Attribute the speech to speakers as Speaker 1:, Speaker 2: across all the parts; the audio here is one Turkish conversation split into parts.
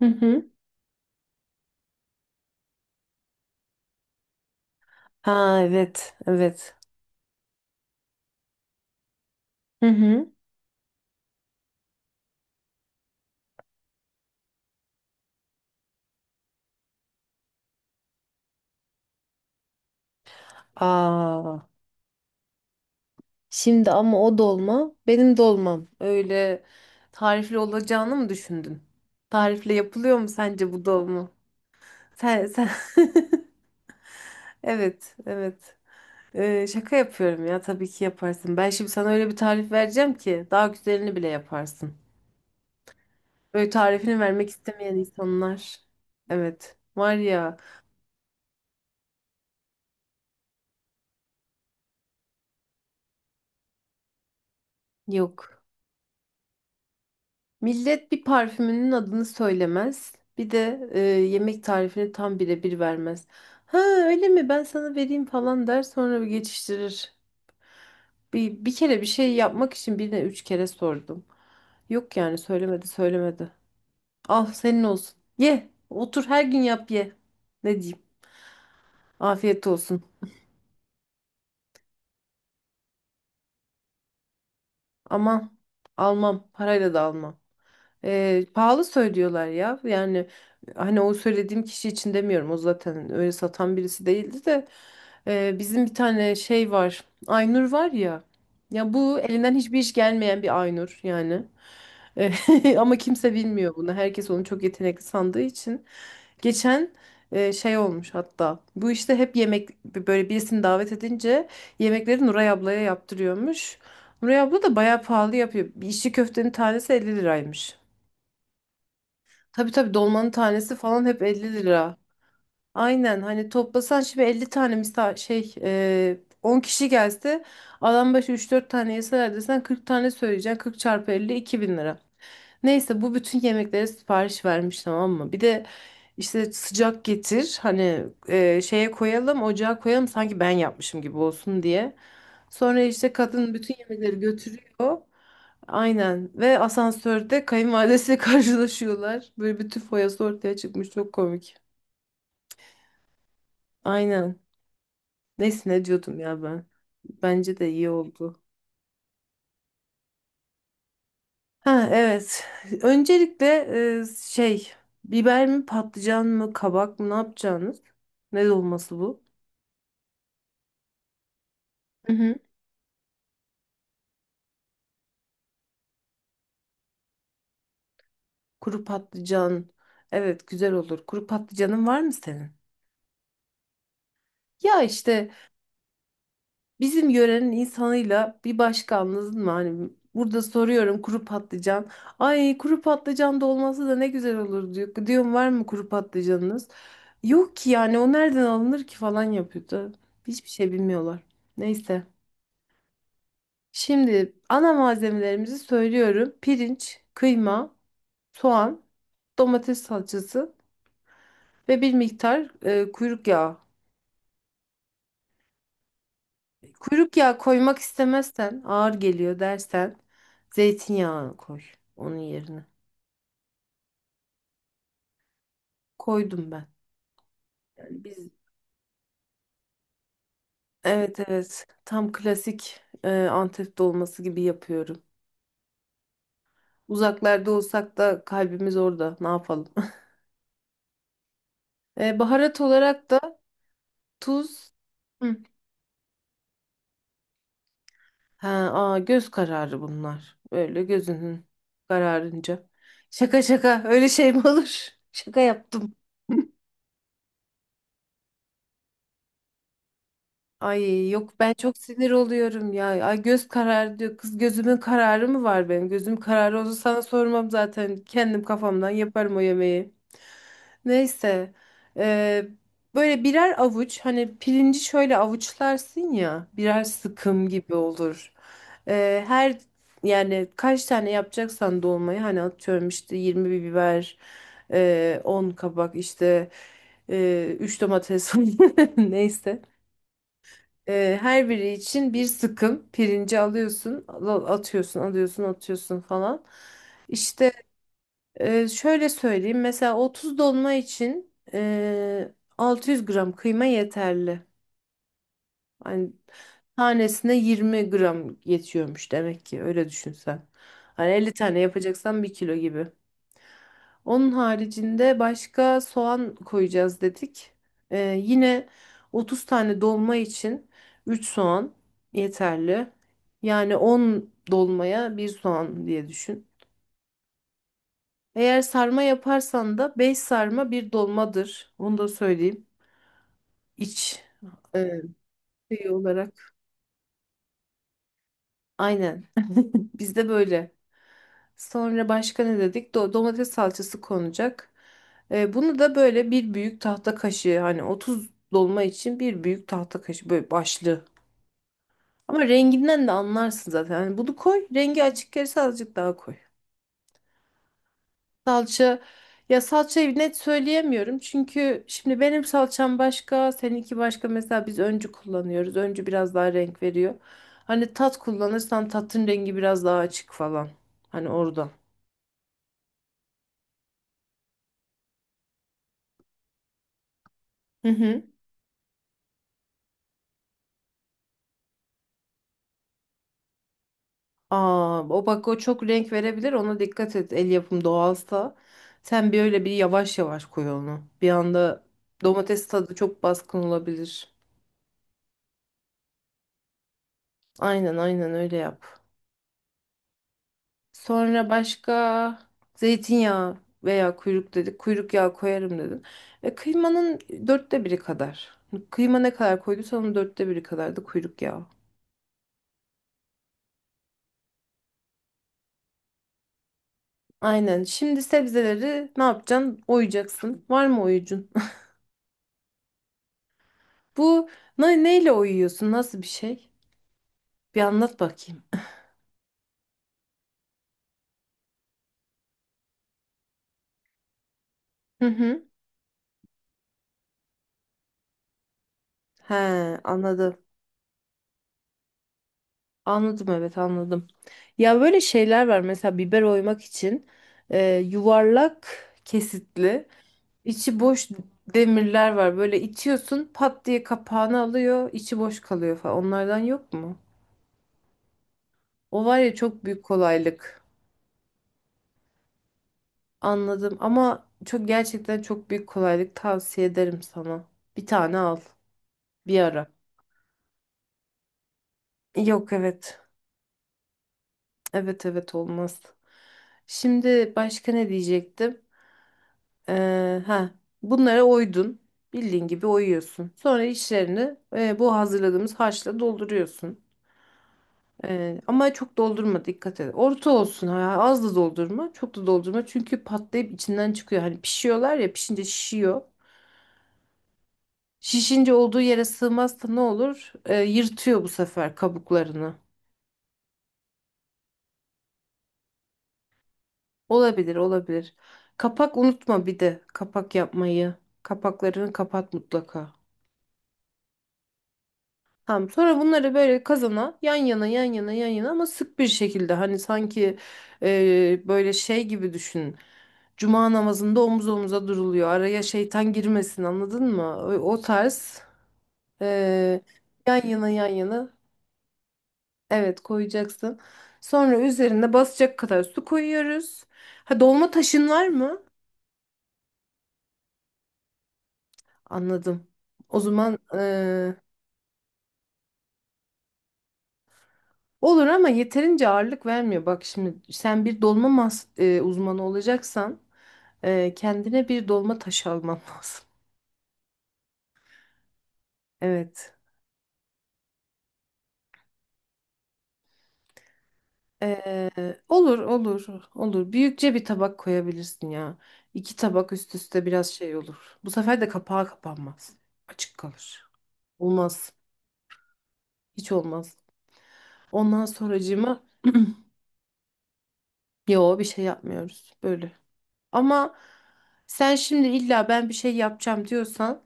Speaker 1: Hı hı. Ha evet, evet. Hı hı. Aa, şimdi ama o dolma benim dolmam. Öyle tarifli olacağını mı düşündün? Tarifle yapılıyor mu sence bu dolma? Sen... Evet, evet. Şaka yapıyorum ya, tabii ki yaparsın. Ben şimdi sana öyle bir tarif vereceğim ki daha güzelini bile yaparsın. Böyle tarifini vermek istemeyen insanlar. Evet. Var ya, yok. Millet bir parfümünün adını söylemez. Bir de yemek tarifini tam birebir vermez. Ha öyle mi, ben sana vereyim falan der sonra bir geçiştirir. Bir kere bir şey yapmak için birine üç kere sordum. Yok yani, söylemedi söylemedi. Al senin olsun. Ye otur her gün yap ye. Ne diyeyim? Afiyet olsun. Aman, almam, parayla da almam. Pahalı söylüyorlar ya. Yani hani, o söylediğim kişi için demiyorum. O zaten öyle satan birisi değildi de. Bizim bir tane şey var. Aynur var ya. Ya bu elinden hiçbir iş gelmeyen bir Aynur yani. Ama kimse bilmiyor bunu. Herkes onu çok yetenekli sandığı için. Geçen şey olmuş hatta. Bu işte hep, yemek böyle birisini davet edince yemekleri Nuray ablaya yaptırıyormuş. Nuray abla da bayağı pahalı yapıyor. Bir İçli köftenin tanesi 50 liraymış. Tabii tabii, dolmanın tanesi falan hep 50 lira. Aynen, hani toplasan şimdi 50 tane misal, şey, 10 kişi gelse, adam başı üç dört tane yeseler desen 40 tane söyleyeceksin. 40 çarpı 50 bin lira. Neyse, bu bütün yemeklere sipariş vermiş, tamam mı? Bir de işte sıcak getir, hani şeye koyalım, ocağa koyalım, sanki ben yapmışım gibi olsun diye. Sonra işte kadın bütün yemekleri götürüyor. Aynen. Ve asansörde kayınvalidesiyle karşılaşıyorlar. Böyle bütün foyası ortaya çıkmış. Çok komik. Aynen. Neyse, ne diyordum ya ben? Bence de iyi oldu. Ha evet. Öncelikle, şey, biber mi patlıcan mı kabak mı ne yapacağınız? Ne dolması bu? Hı hı. Kuru patlıcan. Evet, güzel olur. Kuru patlıcanın var mı senin? Ya işte, bizim yörenin insanıyla bir başka, anladın mı? Hani burada soruyorum kuru patlıcan. Ay kuru patlıcan dolması da ne güzel olur diyor. Diyorum var mı kuru patlıcanınız? Yok ki yani, o nereden alınır ki falan yapıyordu. Hiçbir şey bilmiyorlar. Neyse. Şimdi ana malzemelerimizi söylüyorum. Pirinç, kıyma, soğan, domates salçası ve bir miktar kuyruk yağı. Kuyruk yağı koymak istemezsen, ağır geliyor dersen, zeytinyağı koy onun yerine. Koydum ben. Yani biz, evet evet, tam klasik Antep dolması gibi yapıyorum. Uzaklarda olsak da kalbimiz orada. Ne yapalım? Baharat olarak da tuz. Hı. Ha, aa, göz kararı bunlar. Böyle gözünün kararınca. Şaka şaka, öyle şey mi olur? Şaka yaptım. Ay yok, ben çok sinir oluyorum ya. Ay göz kararı diyor. Kız, gözümün kararı mı var benim? Gözüm kararı olsa sana sormam zaten. Kendim kafamdan yaparım o yemeği. Neyse. Ee, böyle birer avuç, hani pirinci şöyle avuçlarsın ya. Birer sıkım gibi olur. Her yani kaç tane yapacaksan dolmayı, hani atıyorum işte 20 bir biber, 10 kabak, işte 3 domates, neyse. Her biri için bir sıkım pirinci alıyorsun, atıyorsun, alıyorsun, atıyorsun falan. İşte şöyle söyleyeyim. Mesela 30 dolma için 600 gram kıyma yeterli. Hani tanesine 20 gram yetiyormuş demek ki, öyle düşünsen. Hani 50 tane yapacaksan bir kilo gibi. Onun haricinde başka soğan koyacağız dedik. Ee, yine 30 tane dolma için 3 soğan yeterli. Yani 10 dolmaya bir soğan diye düşün. Eğer sarma yaparsan da 5 sarma bir dolmadır. Onu da söyleyeyim. İç e, şey olarak. Aynen. Bizde böyle. Sonra başka ne dedik? Domates salçası konacak. Bunu da böyle bir büyük tahta kaşığı, hani 30 dolma için bir büyük tahta kaşığı böyle başlı. Ama renginden de anlarsın zaten. Hani bunu koy. Rengi açık gelirse azıcık daha koy. Salça, ya salçayı net söyleyemiyorum. Çünkü şimdi benim salçam başka, seninki başka. Mesela biz Öncü kullanıyoruz. Öncü biraz daha renk veriyor. Hani Tat kullanırsan tatın rengi biraz daha açık falan. Hani oradan. Aa, o bak, o çok renk verebilir. Ona dikkat et. El yapım doğalsa. Sen bir öyle bir yavaş yavaş koy onu. Bir anda domates tadı çok baskın olabilir. Aynen aynen, öyle yap. Sonra başka, zeytinyağı veya kuyruk dedik. Kuyruk yağı koyarım dedin. Kıymanın dörtte biri kadar. Kıyma ne kadar koyduysan onun dörtte biri kadar da kuyruk yağı. Aynen. Şimdi sebzeleri ne yapacaksın? Oyacaksın. Var mı oyucun? Bu neyle oyuyorsun? Nasıl bir şey? Bir anlat bakayım. Hı hı. He, anladım. Anladım, evet anladım. Ya böyle şeyler var, mesela biber oymak için yuvarlak kesitli içi boş demirler var. Böyle itiyorsun, pat diye kapağını alıyor, içi boş kalıyor falan. Onlardan yok mu? O var ya, çok büyük kolaylık. Anladım ama çok, gerçekten çok büyük kolaylık, tavsiye ederim sana. Bir tane al bir ara. Yok, evet. Evet evet, olmaz. Şimdi başka ne diyecektim? Ha, bunlara oydun. Bildiğin gibi oyuyorsun. Sonra içlerini bu hazırladığımız harçla dolduruyorsun. Ama çok doldurma, dikkat et. Orta olsun ha, az da doldurma, çok da doldurma. Çünkü patlayıp içinden çıkıyor. Hani pişiyorlar ya, pişince şişiyor. Şişince olduğu yere sığmazsa ne olur? Yırtıyor bu sefer kabuklarını. Olabilir, olabilir. Kapak unutma, bir de kapak yapmayı. Kapaklarını kapat mutlaka. Tamam, sonra bunları böyle kazana yan yana yan yana yan yana, ama sık bir şekilde, hani sanki böyle şey gibi düşün. Cuma namazında omuz omuza duruluyor. Araya şeytan girmesin, anladın mı? O tarz e, yan yana yan yana, evet, koyacaksın. Sonra üzerine basacak kadar su koyuyoruz. Ha, dolma taşın var mı? Anladım. O zaman olur ama yeterince ağırlık vermiyor. Bak şimdi, sen bir dolma mas uzmanı olacaksan kendine bir dolma taşı alman lazım. Evet. Olur olur olur. Büyükçe bir tabak koyabilirsin ya. İki tabak üst üste biraz şey olur. Bu sefer de kapağı kapanmaz. Açık kalır. Olmaz. Hiç olmaz. Ondan sonracığıma yo, bir şey yapmıyoruz. Böyle. Ama sen şimdi illa ben bir şey yapacağım diyorsan,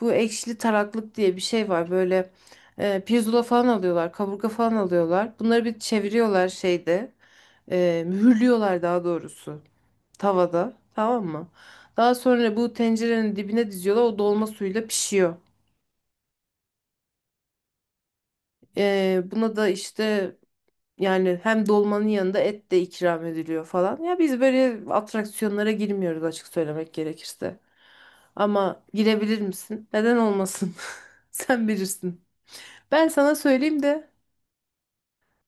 Speaker 1: bu ekşili taraklık diye bir şey var. Böyle pirzola falan alıyorlar, kaburga falan alıyorlar. Bunları bir çeviriyorlar şeyde. Mühürlüyorlar daha doğrusu, tavada. Tamam mı? Daha sonra bu tencerenin dibine diziyorlar. O dolma suyuyla pişiyor. Buna da işte yani, hem dolmanın yanında et de ikram ediliyor falan. Ya biz böyle atraksiyonlara girmiyoruz, açık söylemek gerekirse. Ama girebilir misin? Neden olmasın? Sen bilirsin. Ben sana söyleyeyim de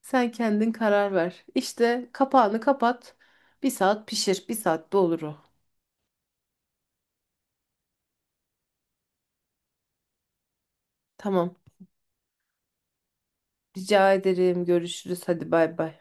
Speaker 1: sen kendin karar ver. İşte kapağını kapat. Bir saat pişir. Bir saatte olur o. Tamam. Rica ederim. Görüşürüz. Hadi bay bay.